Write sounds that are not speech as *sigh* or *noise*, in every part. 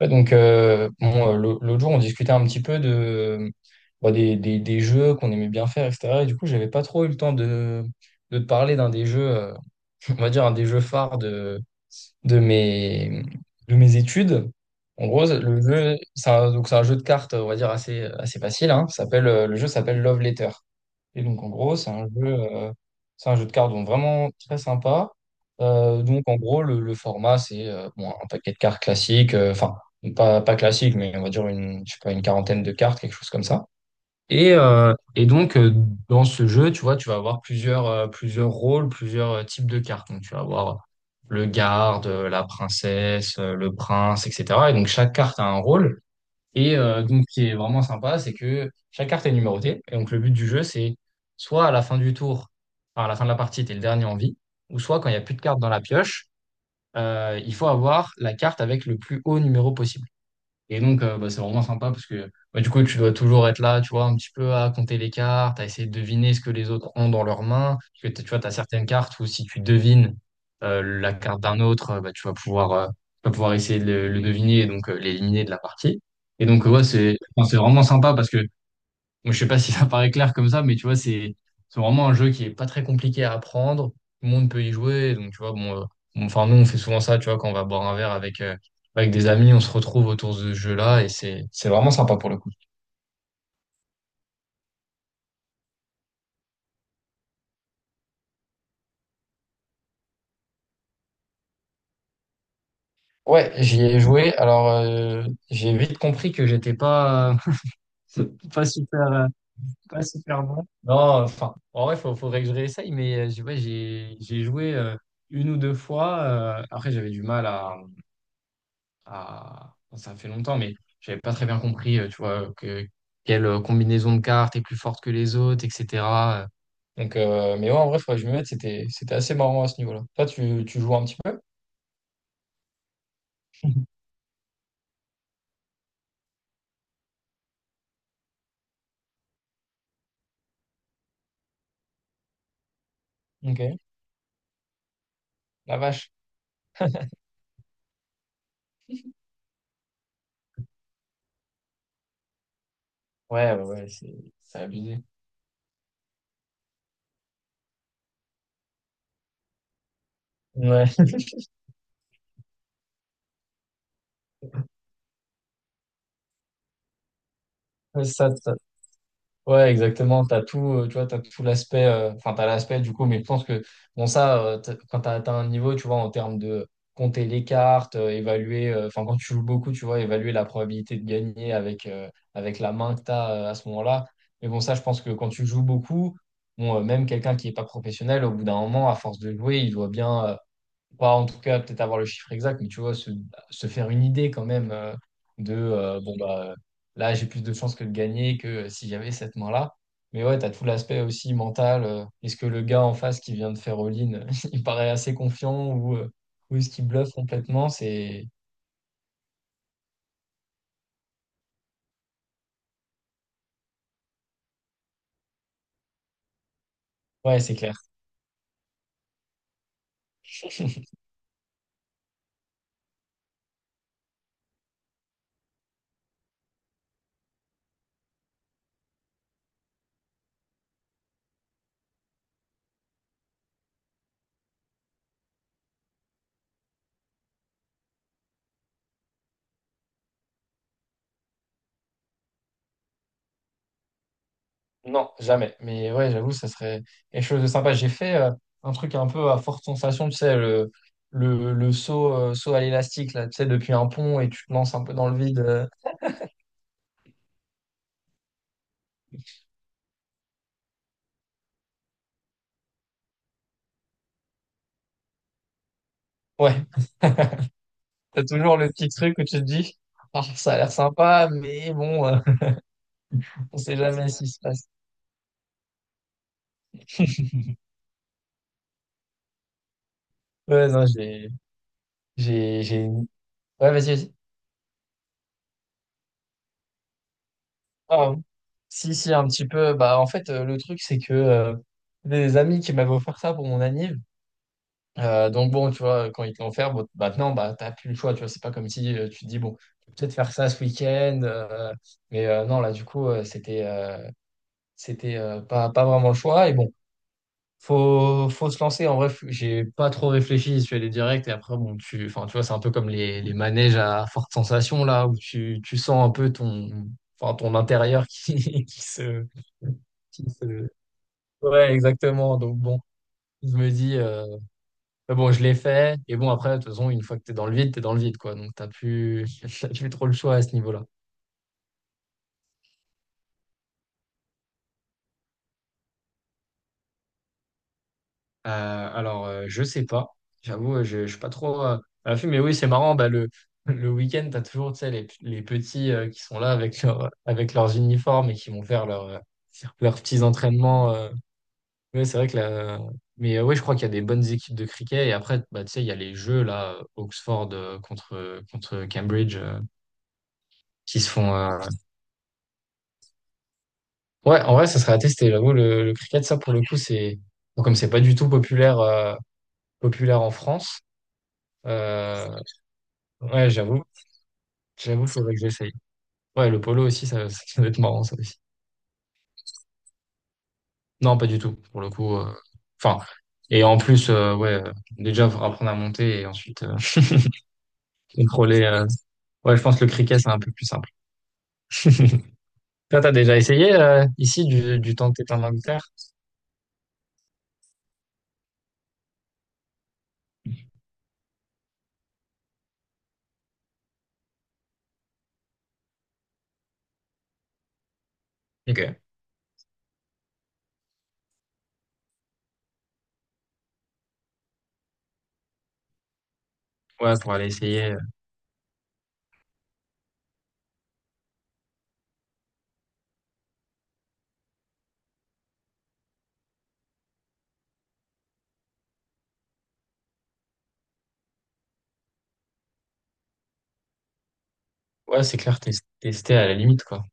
L'autre jour, on discutait un petit peu de, des jeux qu'on aimait bien faire, etc. Et du coup, j'avais pas trop eu le temps de te parler d'un des jeux, *laughs* on va dire, un des jeux phares de mes, de mes études. En gros, le jeu, c'est un, donc c'est un jeu de cartes, on va dire, assez facile. Hein. Ça s'appelle, le jeu s'appelle Love Letter. Et donc, en gros, c'est un jeu de cartes donc vraiment très sympa. Donc, en gros, le format, c'est bon, un paquet de cartes classiques, enfin, pas classique, mais on va dire une, je sais pas, une quarantaine de cartes, quelque chose comme ça. Et donc, dans ce jeu, tu vois, tu vas avoir plusieurs rôles, plusieurs types de cartes. Donc, tu vas avoir le garde, la princesse, le prince, etc. Et donc, chaque carte a un rôle. Ce qui est vraiment sympa, c'est que chaque carte est numérotée. Et donc, le but du jeu, c'est soit à la fin du tour, enfin, à la fin de la partie, tu es le dernier en vie, ou soit quand il n'y a plus de cartes dans la pioche, il faut avoir la carte avec le plus haut numéro possible. Et donc, bah, c'est vraiment sympa parce que bah, du coup, tu dois toujours être là, tu vois, un petit peu à compter les cartes, à essayer de deviner ce que les autres ont dans leurs mains. Parce que tu vois, tu as certaines cartes où si tu devines la carte d'un autre, bah, tu vas pouvoir essayer de le deviner et donc l'éliminer de la partie. Et donc, ouais, c'est enfin, c'est vraiment sympa parce que moi, je sais pas si ça paraît clair comme ça, mais tu vois, c'est vraiment un jeu qui est pas très compliqué à apprendre. Tout le monde peut y jouer. Donc, tu vois, enfin, nous, on fait souvent ça, tu vois, quand on va boire un verre avec, avec des amis, on se retrouve autour de ce jeu-là et c'est vraiment sympa pour le coup. Ouais, j'y ai joué. Alors, j'ai vite compris que j'étais pas, *laughs* pas super, euh, pas super bon. Non, enfin, en vrai, faudrait que je réessaye, mais j'ai- ouais, j'ai joué une ou deux fois. Après, j'avais du mal Ça fait longtemps, mais j'avais pas très bien compris, tu vois, que quelle combinaison de cartes est plus forte que les autres, etc. euh. Donc, mais ouais, en vrai, faudrait que je me mette, c'était assez marrant à ce niveau-là. Toi, tu joues un petit peu? *laughs* Ok. La vache. Ouais, c'est abusé. Ouais, *laughs* ça, ça, ouais, exactement. T'as tout, tu vois, t'as tout l'aspect, enfin, t'as l'aspect du coup, mais je pense que, bon, ça, quand t'as atteint un niveau, tu vois, en termes de compter les cartes, évaluer, enfin, quand tu joues beaucoup, tu vois, évaluer la probabilité de gagner avec, avec la main que t'as, à ce moment-là. Mais bon, ça, je pense que quand tu joues beaucoup, bon, même quelqu'un qui n'est pas professionnel, au bout d'un moment, à force de jouer, il doit bien, pas en tout cas peut-être avoir le chiffre exact, mais tu vois, se faire une idée quand même de bon bah là j'ai plus de chances que de gagner que si j'avais cette main-là. Mais ouais, t'as tout l'aspect aussi mental. Est-ce que le gars en face qui vient de faire all-in, *laughs* il paraît assez confiant ou est-ce qu'il bluffe complètement? C'est ouais, c'est clair. *laughs* Non, jamais. Mais ouais, j'avoue, ça serait quelque chose de sympa. J'ai fait un truc un peu à forte sensation, tu sais, le saut, saut à l'élastique, là, tu sais, depuis un pont et tu te lances un peu dans le vide. Ouais, t'as toujours le petit truc où tu te dis, ah, ça a l'air sympa, mais bon, *laughs* on sait jamais ce qui se passe. *laughs* Ouais, non, j'ai... Ouais, vas-y. Ah, si, un petit peu. Bah, en fait, le truc, c'est que des amis qui m'avaient offert ça pour mon anniv. Donc, bon, tu vois, quand ils te l'ont offert, bon, maintenant, bah, t'as plus le choix. Tu vois, c'est pas comme si tu te dis, bon, je vais peut-être faire ça ce week-end. Non, là, du coup, c'était c'était pas, pas vraiment le choix. Et bon, faut se lancer. En vrai, j'ai pas trop réfléchi. Je suis allé direct. Et après, enfin, tu vois, c'est un peu comme les manèges à forte sensation, là, où tu sens un peu enfin, ton intérieur *laughs* qui se- Ouais, exactement. Donc, bon, je me dis, mais bon, je l'ai fait. Et bon, après, de toute façon, une fois que t'es dans le vide, t'es dans le vide, quoi. Donc, t'as plus, *laughs* t'as plus trop le choix à ce niveau-là. Je sais pas. J'avoue, je ne suis pas trop à l'affût, mais oui, c'est marrant. Bah, *laughs* le week-end, tu as toujours, tu sais, les petits qui sont là avec, avec leurs uniformes et qui vont faire leurs petits entraînements. Ouais, c'est vrai que la... Mais oui, je crois qu'il y a des bonnes équipes de cricket. Et après, bah, tu sais, il y a les jeux, là, Oxford contre Cambridge, qui se font. Ouais, en vrai, ça serait à tester. J'avoue, le cricket, ça, pour le coup, c'est. Bon, comme c'est pas du tout populaire en France. Euh, ouais, j'avoue. J'avoue, il faudrait que j'essaye. Ouais, le polo aussi, ça, *laughs* ça doit être marrant, ça aussi. Non, pas du tout, pour le coup. Enfin, et en plus, déjà, faut apprendre à monter et ensuite *laughs* contrôler. Ouais, je pense que le cricket, c'est un peu plus simple. *laughs* Toi, t'as déjà essayé ici du temps que t'étais en Angleterre? Ok. Ouais, pour aller essayer. Ouais, c'est clair, tester à la limite, quoi.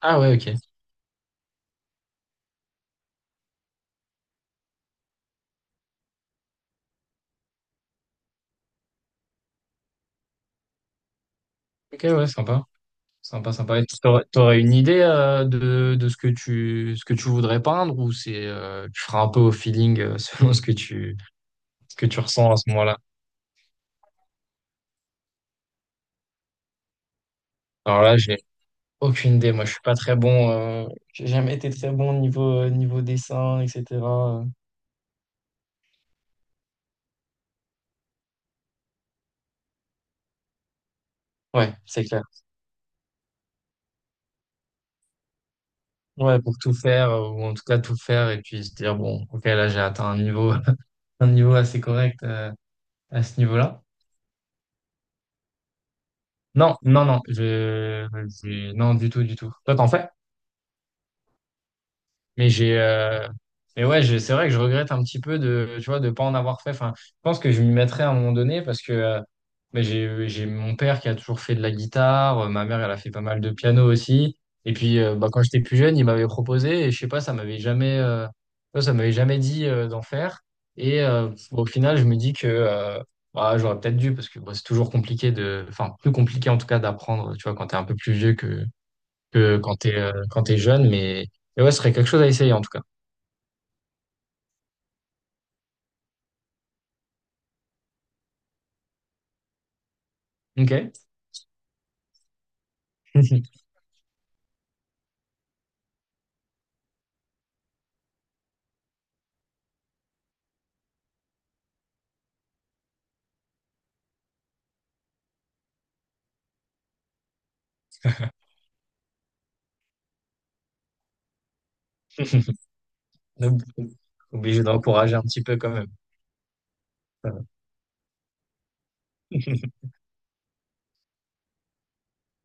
Ah ouais, ok. Ok, ouais, sympa. Sympa, sympa. Et t'aurais une idée de ce que tu voudrais peindre ou c'est, tu feras un peu au feeling *laughs* selon ce que tu ressens à ce moment-là? Alors là, j'ai aucune idée. Moi, je suis pas très bon. J'ai jamais été très bon niveau niveau dessin, etc. Euh, ouais, c'est clair. Ouais, pour tout faire ou en tout cas tout faire et puis se dire bon, ok, là j'ai atteint un niveau *laughs* un niveau assez correct à ce niveau-là. Non, non du tout, du tout. Toi, t'en fais? Mais j'ai, euh, mais ouais, c'est vrai que je regrette un petit peu de, tu vois, de pas en avoir fait. Enfin, je pense que je m'y mettrai à un moment donné parce que ben, j'ai mon père qui a toujours fait de la guitare, ma mère elle a fait pas mal de piano aussi. Et puis bah, quand j'étais plus jeune, il m'avait proposé et je sais pas, ça m'avait jamais, ouais, ça m'avait jamais dit d'en faire. Et bon, au final, je me dis que bah, j'aurais peut-être dû parce que bon, c'est toujours compliqué de, enfin plus compliqué en tout cas d'apprendre, tu vois, quand t'es un peu plus vieux que quand t'es jeune, mais ouais, ce serait quelque chose à essayer en tout cas. Ok. *laughs* Donc, obligé d'encourager un petit peu quand même. Ça va.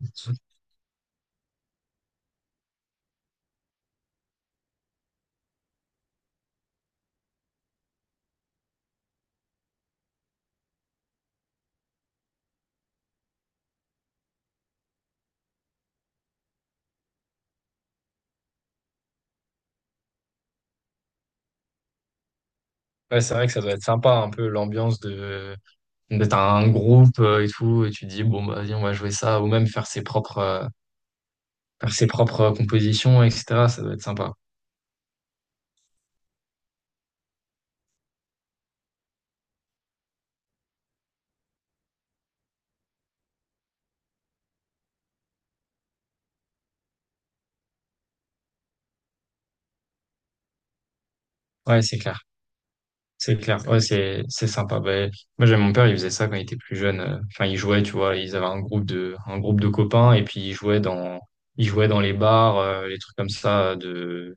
*laughs* Ouais, c'est vrai que ça doit être sympa un peu l'ambiance de d'être un groupe et tout, et tu te dis bon bah vas-y on va jouer ça, ou même faire ses propres compositions, etc. Ça doit être sympa. Ouais, c'est clair. C'est clair, ouais, c'est sympa. Ben, moi, j'avais mon père, il faisait ça quand il était plus jeune. Enfin, il jouait, tu vois, ils avaient un groupe de copains et puis ils jouaient dans les bars, les trucs comme ça de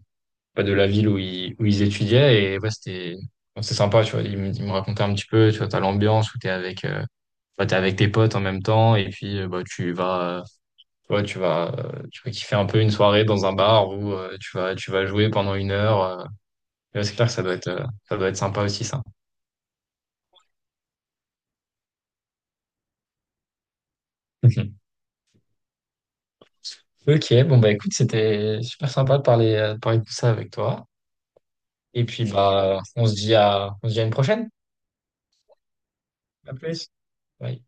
pas de la ville où ils étudiaient et ouais, c'était bon, c'est sympa, tu vois. Il me racontait un petit peu, tu vois, t'as l'ambiance où t'es avec bah, t'es avec tes potes en même temps et puis bah tu vas tu vas kiffer un peu une soirée dans un bar où tu vas jouer pendant 1 heure. Et ouais, c'est clair que ça doit être sympa aussi ça. *laughs* Ok, bon bah écoute, c'était super sympa de parler de tout ça avec toi. Et puis bah on se dit à on se dit à une prochaine. À plus. Bye.